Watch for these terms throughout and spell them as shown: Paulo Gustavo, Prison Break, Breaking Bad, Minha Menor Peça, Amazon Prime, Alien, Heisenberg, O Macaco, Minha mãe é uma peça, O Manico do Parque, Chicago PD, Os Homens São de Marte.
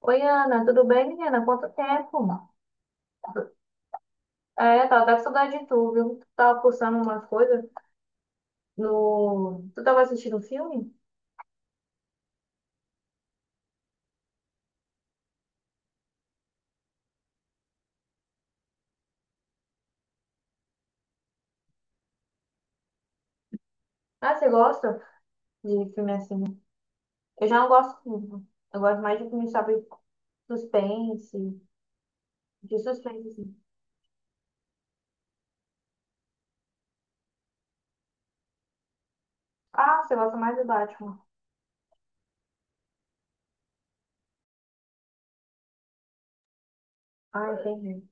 Oi, Ana, tudo bem, menina? Quanto tempo? É, tava até com saudade de tu, viu? Tu tava postando uma coisa no... Tu tava assistindo um filme? Ah, você gosta de filme assim? Eu já não gosto muito. Eu gosto mais de filme, sabe, suspense, de suspense, assim. Ah, você gosta mais do Batman. Ah, entendi.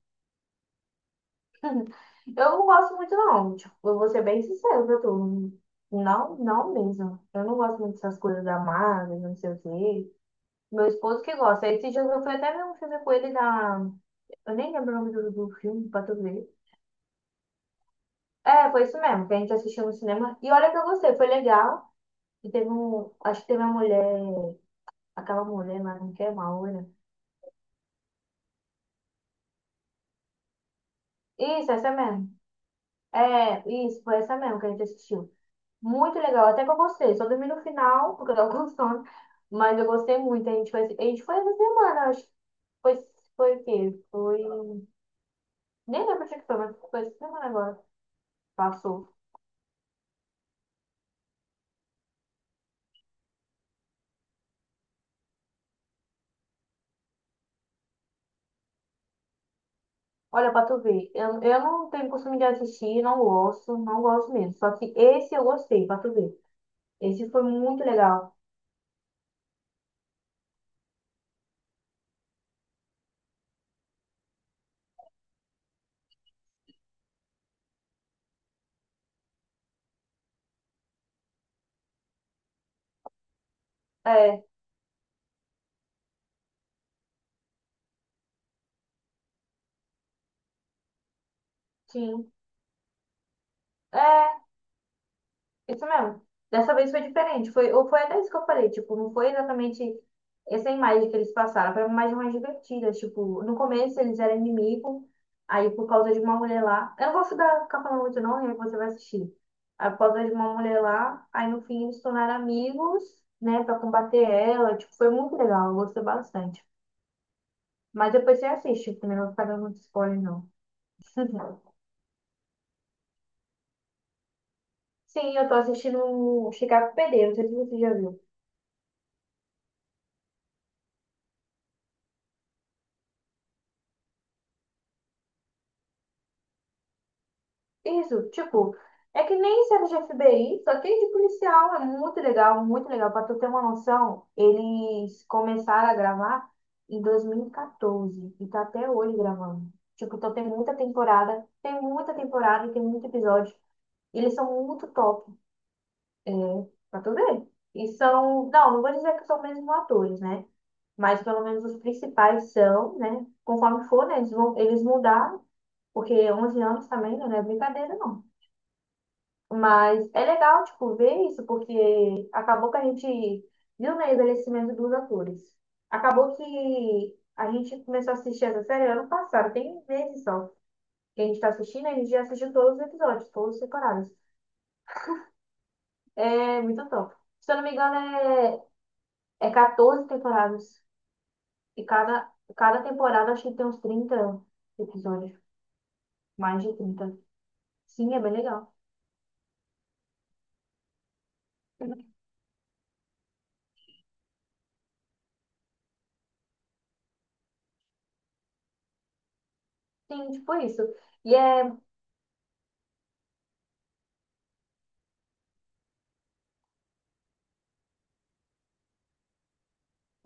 Eu não gosto muito, não. Tipo, eu vou ser bem sincero pra tu. Não, não mesmo. Eu não gosto muito dessas coisas da Marvel, não sei o quê. Meu esposo que gosta. Esse dia eu fui até ver um filme com ele da... Eu nem lembro o nome do filme pra tu ver. É, foi isso mesmo, que a gente assistiu no cinema. E olha que eu gostei, foi legal. E teve um. Acho que teve uma mulher. Aquela mulher, mas não quer uma loira. Isso, essa mesmo. É, isso, foi essa mesmo que a gente assistiu. Muito legal, até que eu gostei. Só dormi no final, porque eu tava com sono. Mas eu gostei muito. A gente foi essa semana, acho que foi, foi o quê? Foi. Nem lembro o dia que foi, mas foi essa semana agora. Passou. Olha, pra tu ver, eu não tenho costume de assistir, não gosto, não gosto mesmo. Só que esse eu gostei, pra tu ver. Esse foi muito legal. É, sim. É, isso mesmo. Dessa vez foi diferente. Foi, ou foi até isso que eu falei, tipo, não foi exatamente essa imagem que eles passaram, foi uma imagem mais divertida. Tipo, no começo eles eram inimigos, aí por causa de uma mulher lá. Eu não vou ficar, ficar falando muito não, aí você vai assistir. Aí, por causa de uma mulher lá, aí no fim eles se tornaram amigos, né, pra combater ela. Tipo, foi muito legal, eu gostei bastante. Mas depois você assiste, também não vou ficar dando muito spoiler, não. Sim, eu tô assistindo Chicago PD, não sei se você já viu. Isso, tipo, é que nem serve de FBI, só que é de policial, é muito legal, muito legal. Pra tu ter uma noção, eles começaram a gravar em 2014 e quatorze e tá até hoje gravando. Tipo, então tem muita temporada e tem muito episódio. E eles são muito top, é, pra tu ver. E são, não, não vou dizer que são mesmo atores, né? Mas pelo menos os principais são, né? Conforme for, né? Eles vão, eles mudaram, porque 11 anos também não é brincadeira, não. Mas é legal, tipo, ver isso, porque acabou que a gente viu, né, o envelhecimento dos atores. Acabou que a gente começou a assistir essa série ano passado, tem meses só. Que a gente tá assistindo, a gente já assistiu todos os episódios, todas as temporadas. É muito top. Se eu não me engano, é, é 14 temporadas. E cada temporada acho que tem uns 30 episódios, mais de 30. Sim, é bem legal. Sim, tipo isso. E é.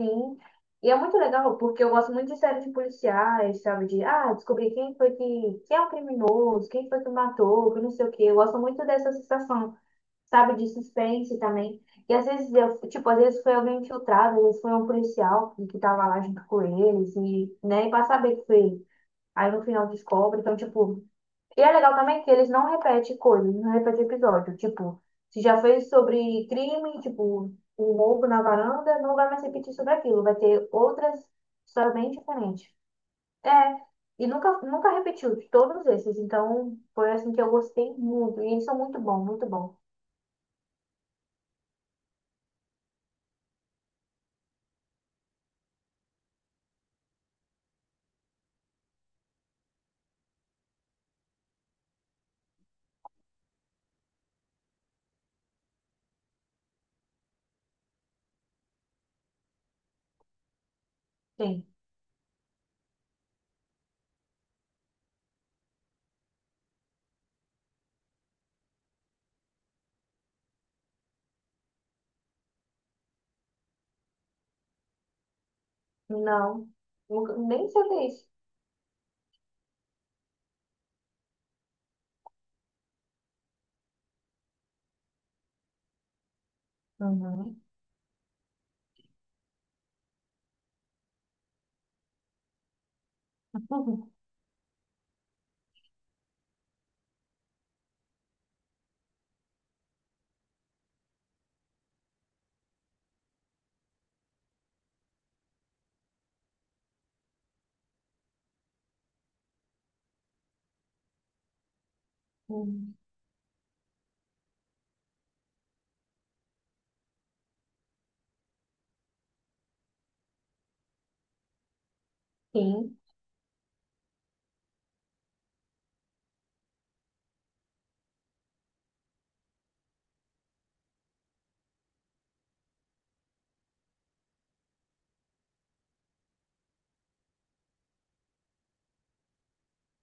Sim. E é muito legal, porque eu gosto muito de séries de policiais, sabe? De, ah, descobrir quem foi que, quem é o criminoso, quem foi que matou, que não sei o quê. Eu gosto muito dessa sensação, sabe? De suspense também. E às vezes, eu, tipo, às vezes foi alguém infiltrado, às vezes foi um policial que tava lá junto com eles, e, né? E pra saber que foi ele. Aí no final descobre. Então, tipo, e é legal também que eles não repetem coisas, não repetem episódio. Tipo, se já fez sobre crime, tipo, o roubo na varanda, não vai mais repetir sobre aquilo. Vai ter outras histórias bem diferentes. É, e nunca, nunca repetiu de todos esses. Então, foi assim que eu gostei muito. E eles são muito bons, muito bons. Sim. Não, nem sei o que é isso. Uhum. Sim,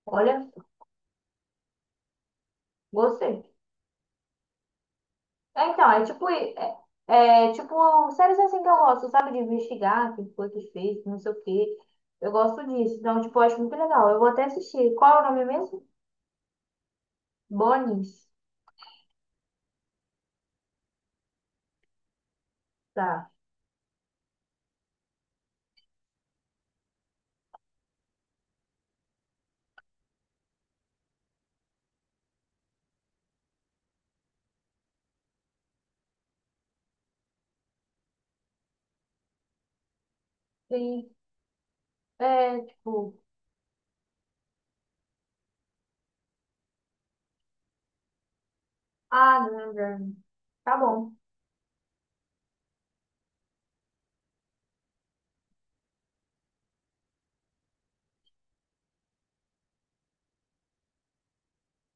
olha, gostei. É, então, é tipo, é, é tipo séries assim que eu gosto, sabe? De investigar o que foi que fez, não sei o quê. Eu gosto disso. Então, tipo, eu acho muito legal. Eu vou até assistir. Qual é o nome mesmo? Bonis. Tá. Sim. É, tipo. Ah, não, não. Tá bom.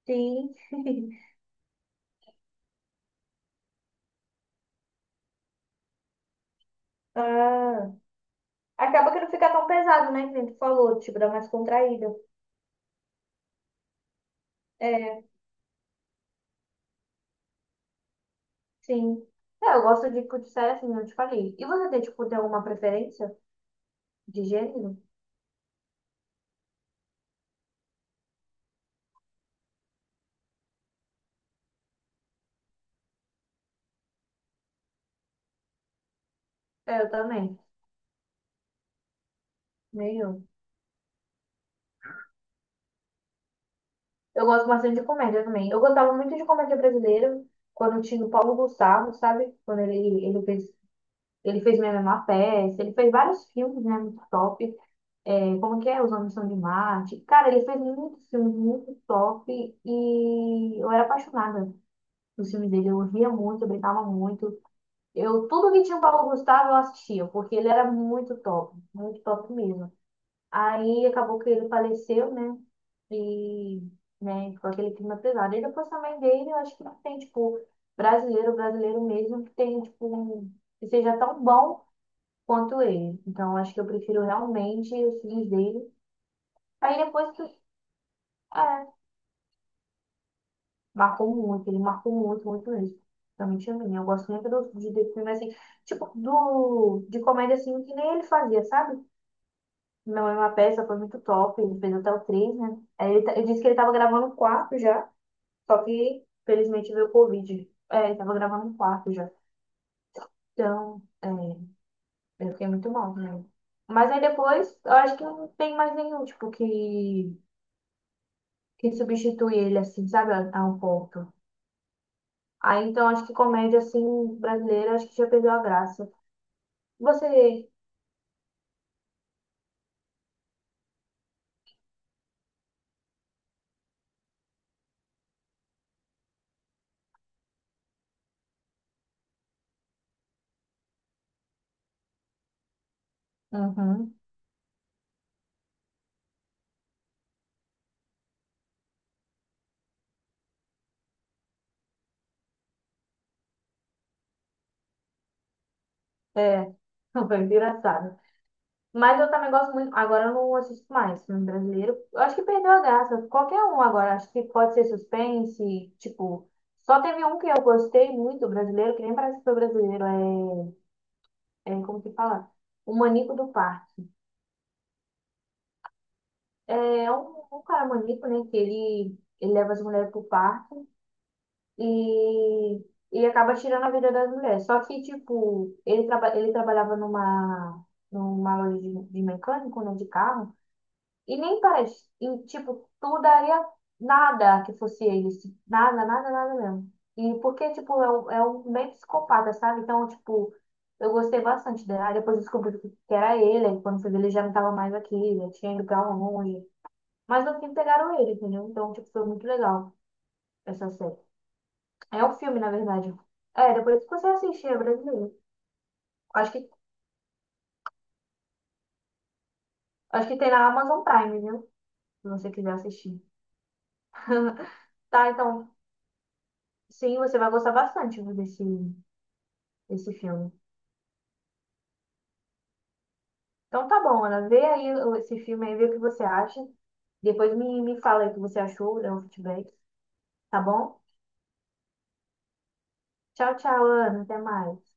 Sim. Ah, acaba que não fica tão pesado, né? Que nem tu falou, tipo, dá mais contraída. É, sim. É, eu gosto de, tipo, de série assim, eu te falei. E você tem, tipo, tem alguma preferência de gênero? É, eu também. Nenhum. Eu gosto bastante de comédia também. Eu gostava muito de comédia brasileira quando tinha o Paulo Gustavo, sabe? Quando ele fez, ele fez Minha Menor Peça, ele fez vários filmes, né? Muito top. É, como que é? Os Homens São de Marte. Cara, ele fez muitos filmes muito top e eu era apaixonada dos filmes dele. Eu ria muito, eu brincava muito. Eu, tudo que tinha o Paulo Gustavo eu assistia, porque ele era muito top mesmo. Aí acabou que ele faleceu, né? E, né, ficou aquele clima pesado. E depois também dele, eu acho que não tem, tipo, brasileiro, brasileiro mesmo, que tem, tipo, um- que seja tão bom quanto ele. Então, eu acho que eu prefiro realmente os filhos dele. Aí depois que, é, marcou muito, ele marcou muito, muito mesmo. Realmente a mim. Eu gosto muito do, de filme, assim, tipo, do, de, comédia, assim, que nem ele fazia, sabe? Minha mãe é uma peça, foi muito top, ele fez até o 3 né? Aí ele disse que ele tava gravando o 4 já. Só que, felizmente, veio o Covid. É, ele tava gravando no quarto já. Então, é, eu fiquei muito mal, né? Mas aí depois, eu acho que não tem mais nenhum, tipo, que substitui ele, assim, sabe, a um ponto. Aí, então, acho que comédia, assim, brasileira, acho que já perdeu a graça. Você... Uhum. É, foi engraçado. Mas eu também gosto muito. Agora eu não assisto mais filme brasileiro. Eu acho que perdeu a graça. Qualquer um agora. Acho que pode ser suspense. Tipo, só teve um que eu gostei muito brasileiro, que nem parece que foi brasileiro. É, é como que fala? O Manico do Parque. É um, cara manico, né? Que ele leva as mulheres pro parque e, e acaba tirando a vida das mulheres. Só que, tipo, ele trabalhava numa loja de mecânico, né? De carro. E nem parece. E, tipo, tu daria nada que fosse ele. Assim. Nada, nada, nada mesmo. E porque, tipo, é um meio psicopata, sabe? Então, tipo, eu gostei bastante dela. Aí depois eu descobri que era ele. Aí quando foi ver, ele já não tava mais aqui, já tinha ido pra longe. Mas no fim pegaram ele, entendeu? Então, tipo, foi muito legal essa série. É um filme, na verdade. É, depois que você assistir, é brasileiro. Acho que, acho que tem na Amazon Prime, viu? Se você quiser assistir. Tá, então, sim, você vai gostar bastante desse, esse filme. Então tá bom, Ana, vê aí esse filme aí, vê o que você acha. Depois me fala aí o que você achou, dá um feedback, tá bom? Tchau, tchau, Ana, até mais.